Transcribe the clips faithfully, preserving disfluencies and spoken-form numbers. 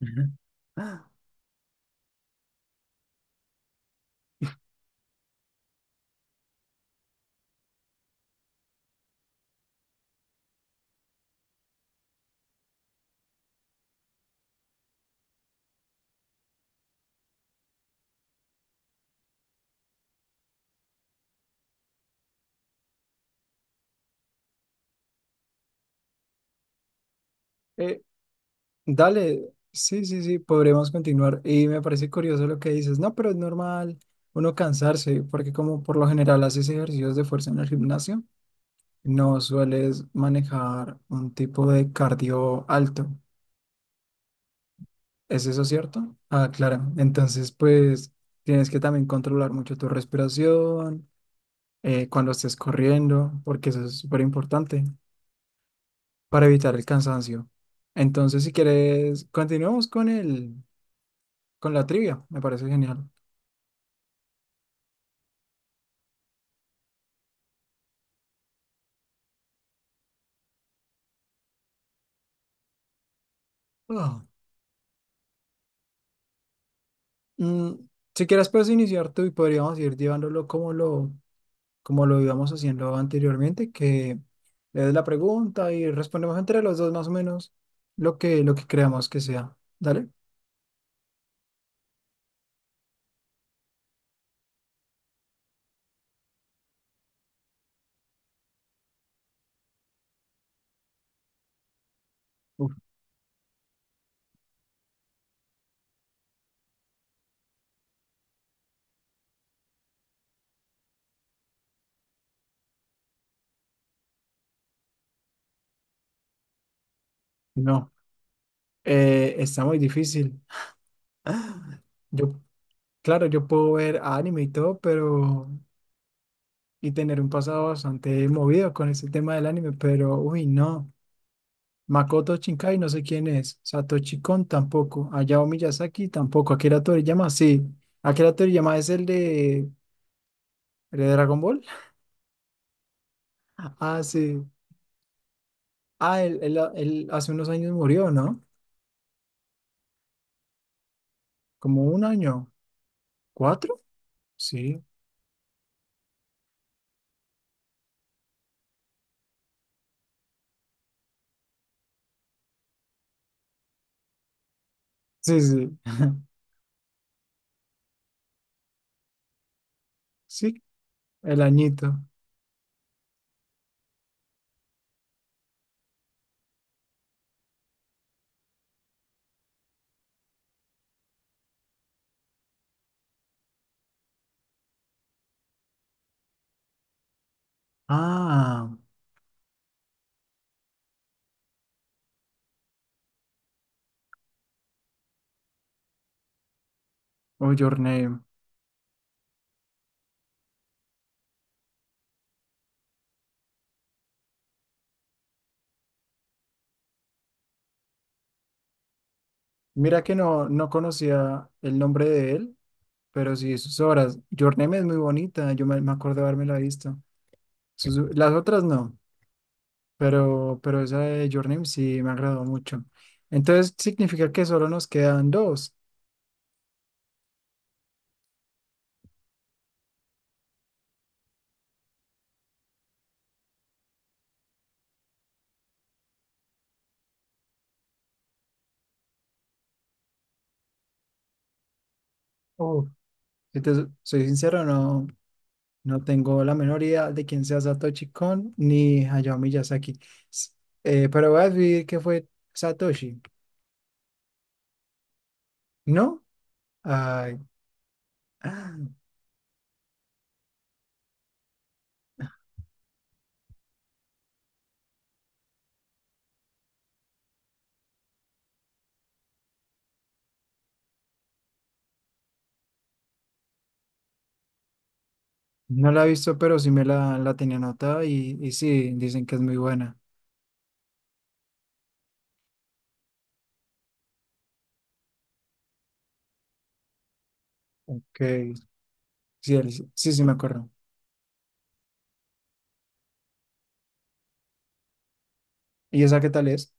Ujú. Eh, dale, sí, sí, sí, podremos continuar. Y me parece curioso lo que dices. No, pero es normal uno cansarse, porque como por lo general haces ejercicios de fuerza en el gimnasio, no sueles manejar un tipo de cardio alto. ¿Es eso cierto? Ah, claro. Entonces, pues tienes que también controlar mucho tu respiración, eh, cuando estés corriendo, porque eso es súper importante para evitar el cansancio. Entonces, si quieres, continuamos con él, con la trivia. Me parece genial. Ah, mm, si quieres, puedes iniciar tú y podríamos ir llevándolo como lo, como lo íbamos haciendo anteriormente, que le des la pregunta y respondemos entre los dos más o menos lo que, lo que creamos que sea. Dale. Uf, no, eh, está muy difícil. Yo, claro, yo puedo ver anime y todo, pero y tener un pasado bastante movido con ese tema del anime, pero uy, no. Makoto Shinkai, no sé quién es. Satoshi Kon tampoco. Hayao Miyazaki tampoco. Akira Toriyama, sí. Akira Toriyama es el de, el de Dragon Ball. Ah, sí. Ah, él, él- él hace unos años murió, ¿no? Como un año. ¿Cuatro? Sí. Sí, sí. Sí, el añito. Ah, oh, Your Name. Mira que no, no conocía el nombre de él, pero sí sus obras. Your Name es muy bonita. Yo me, me acuerdo de haberme la visto. Sus- las otras no. Pero, pero esa de Your Name sí me agradó mucho. Entonces significa que solo nos quedan dos. Uf, si te so- soy sincero, no, no tengo la menor idea de quién sea Satoshi Kon ni Hayao Miyazaki. S- eh, pero voy a decir que fue Satoshi, ¿no? Ay, ah, no la he visto, pero sí me la, la tenía anotada y, y sí, dicen que es muy buena. Que sí, él- sí, sí me acuerdo. ¿Y esa qué tal es?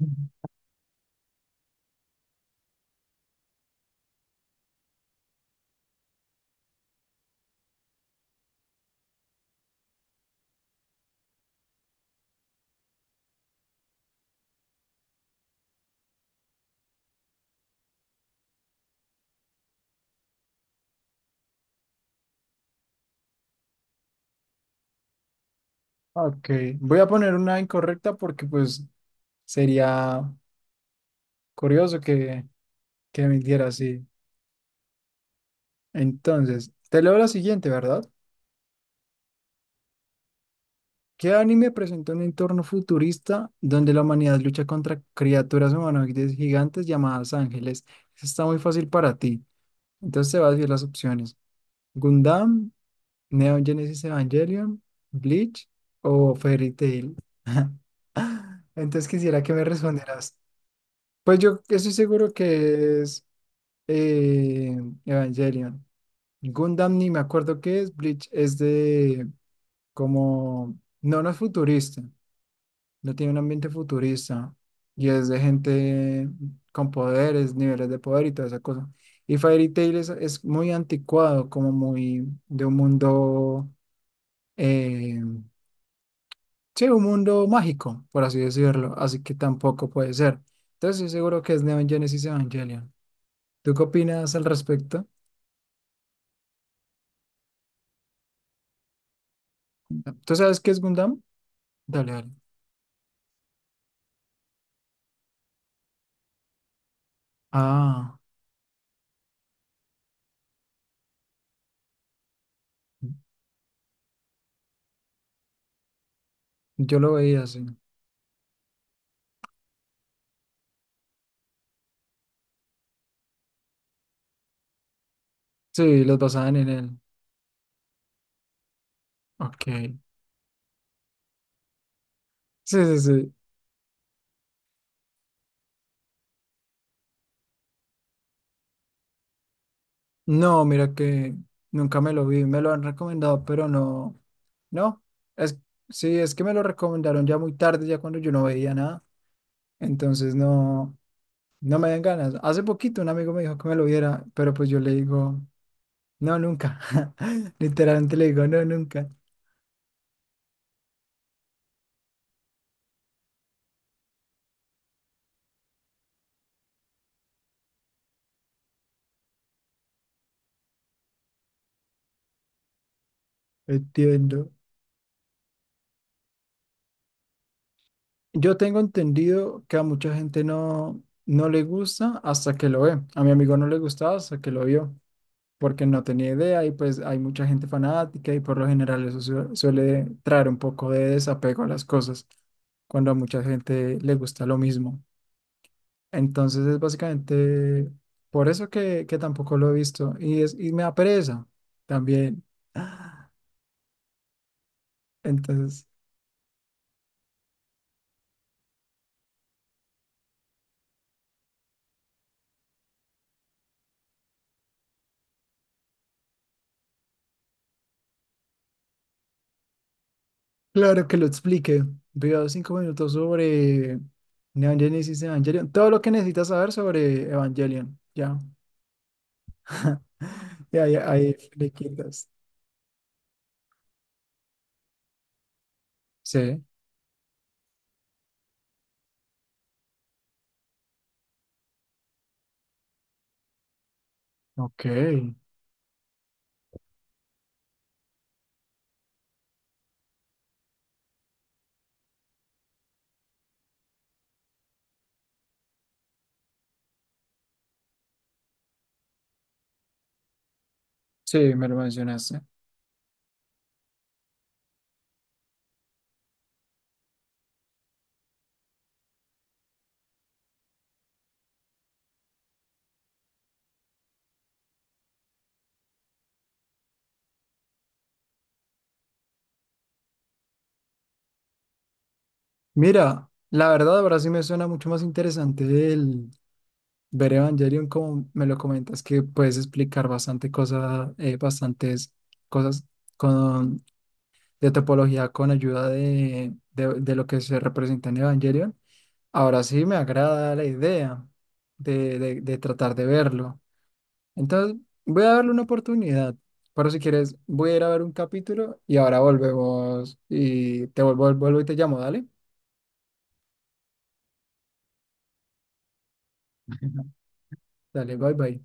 Ujú. Ok, voy a poner una incorrecta porque pues sería curioso que, que mintiera así. Entonces, te leo la siguiente, ¿verdad? ¿Qué anime presenta un entorno futurista donde la humanidad lucha contra criaturas humanoides gigantes llamadas ángeles? Eso está muy fácil para ti. Entonces te vas a decir las opciones. Gundam, Neon Genesis Evangelion, Bleach o Fairy Tail. Entonces quisiera que me respondieras. Pues yo estoy seguro que es eh, Evangelion. Gundam ni me acuerdo qué es. Bleach es de como... No, no es futurista. No tiene un ambiente futurista. Y es de gente con poderes, niveles de poder y toda esa cosa. Y Fairy Tail es, es muy anticuado, como muy de un mundo... eh, sí, un mundo mágico, por así decirlo. Así que tampoco puede ser. Entonces estoy seguro que es Neon Genesis Evangelion. ¿Tú qué opinas al respecto? ¿Tú sabes qué es Gundam? Dale, dale. Ah. Yo lo veía así. Sí, los basaban en él. Ok. Sí, sí, sí. No, mira que nunca me lo vi. Me lo han recomendado, pero no. No. Es, sí, es que me lo recomendaron ya muy tarde, ya cuando yo no veía nada. Entonces no, no me dan ganas. Hace poquito un amigo me dijo que me lo viera, pero pues yo le digo, no, nunca. Literalmente le digo, no, nunca. Entiendo. Yo tengo entendido que a mucha gente no, no le gusta hasta que lo ve. A mi amigo no le gustaba hasta que lo vio, porque no tenía idea y pues hay mucha gente fanática y por lo general eso su- suele traer un poco de desapego a las cosas cuando a mucha gente le gusta lo mismo. Entonces es básicamente por eso que, que tampoco lo he visto y, es, y me da pereza también. Entonces... Claro que lo explique. Video cinco minutos sobre Neon Genesis Evangelion. Todo lo que necesitas saber sobre Evangelion. Ya. Ya, ya, ahí le quitas. Sí. Ok. Sí, me lo mencionaste. Mira, la verdad ahora sí me suena mucho más interesante el ver Evangelion como me lo comentas, que puedes explicar bastante cosas, bastantes cosas con, de topología con ayuda de, de, de lo que se representa en Evangelion. Ahora sí me agrada la idea de, de- de tratar de verlo. Entonces, voy a darle una oportunidad. Pero si quieres, voy a ir a ver un capítulo y ahora volvemos y te vuelvo, vuelvo y te llamo, dale. Dale, bye bye.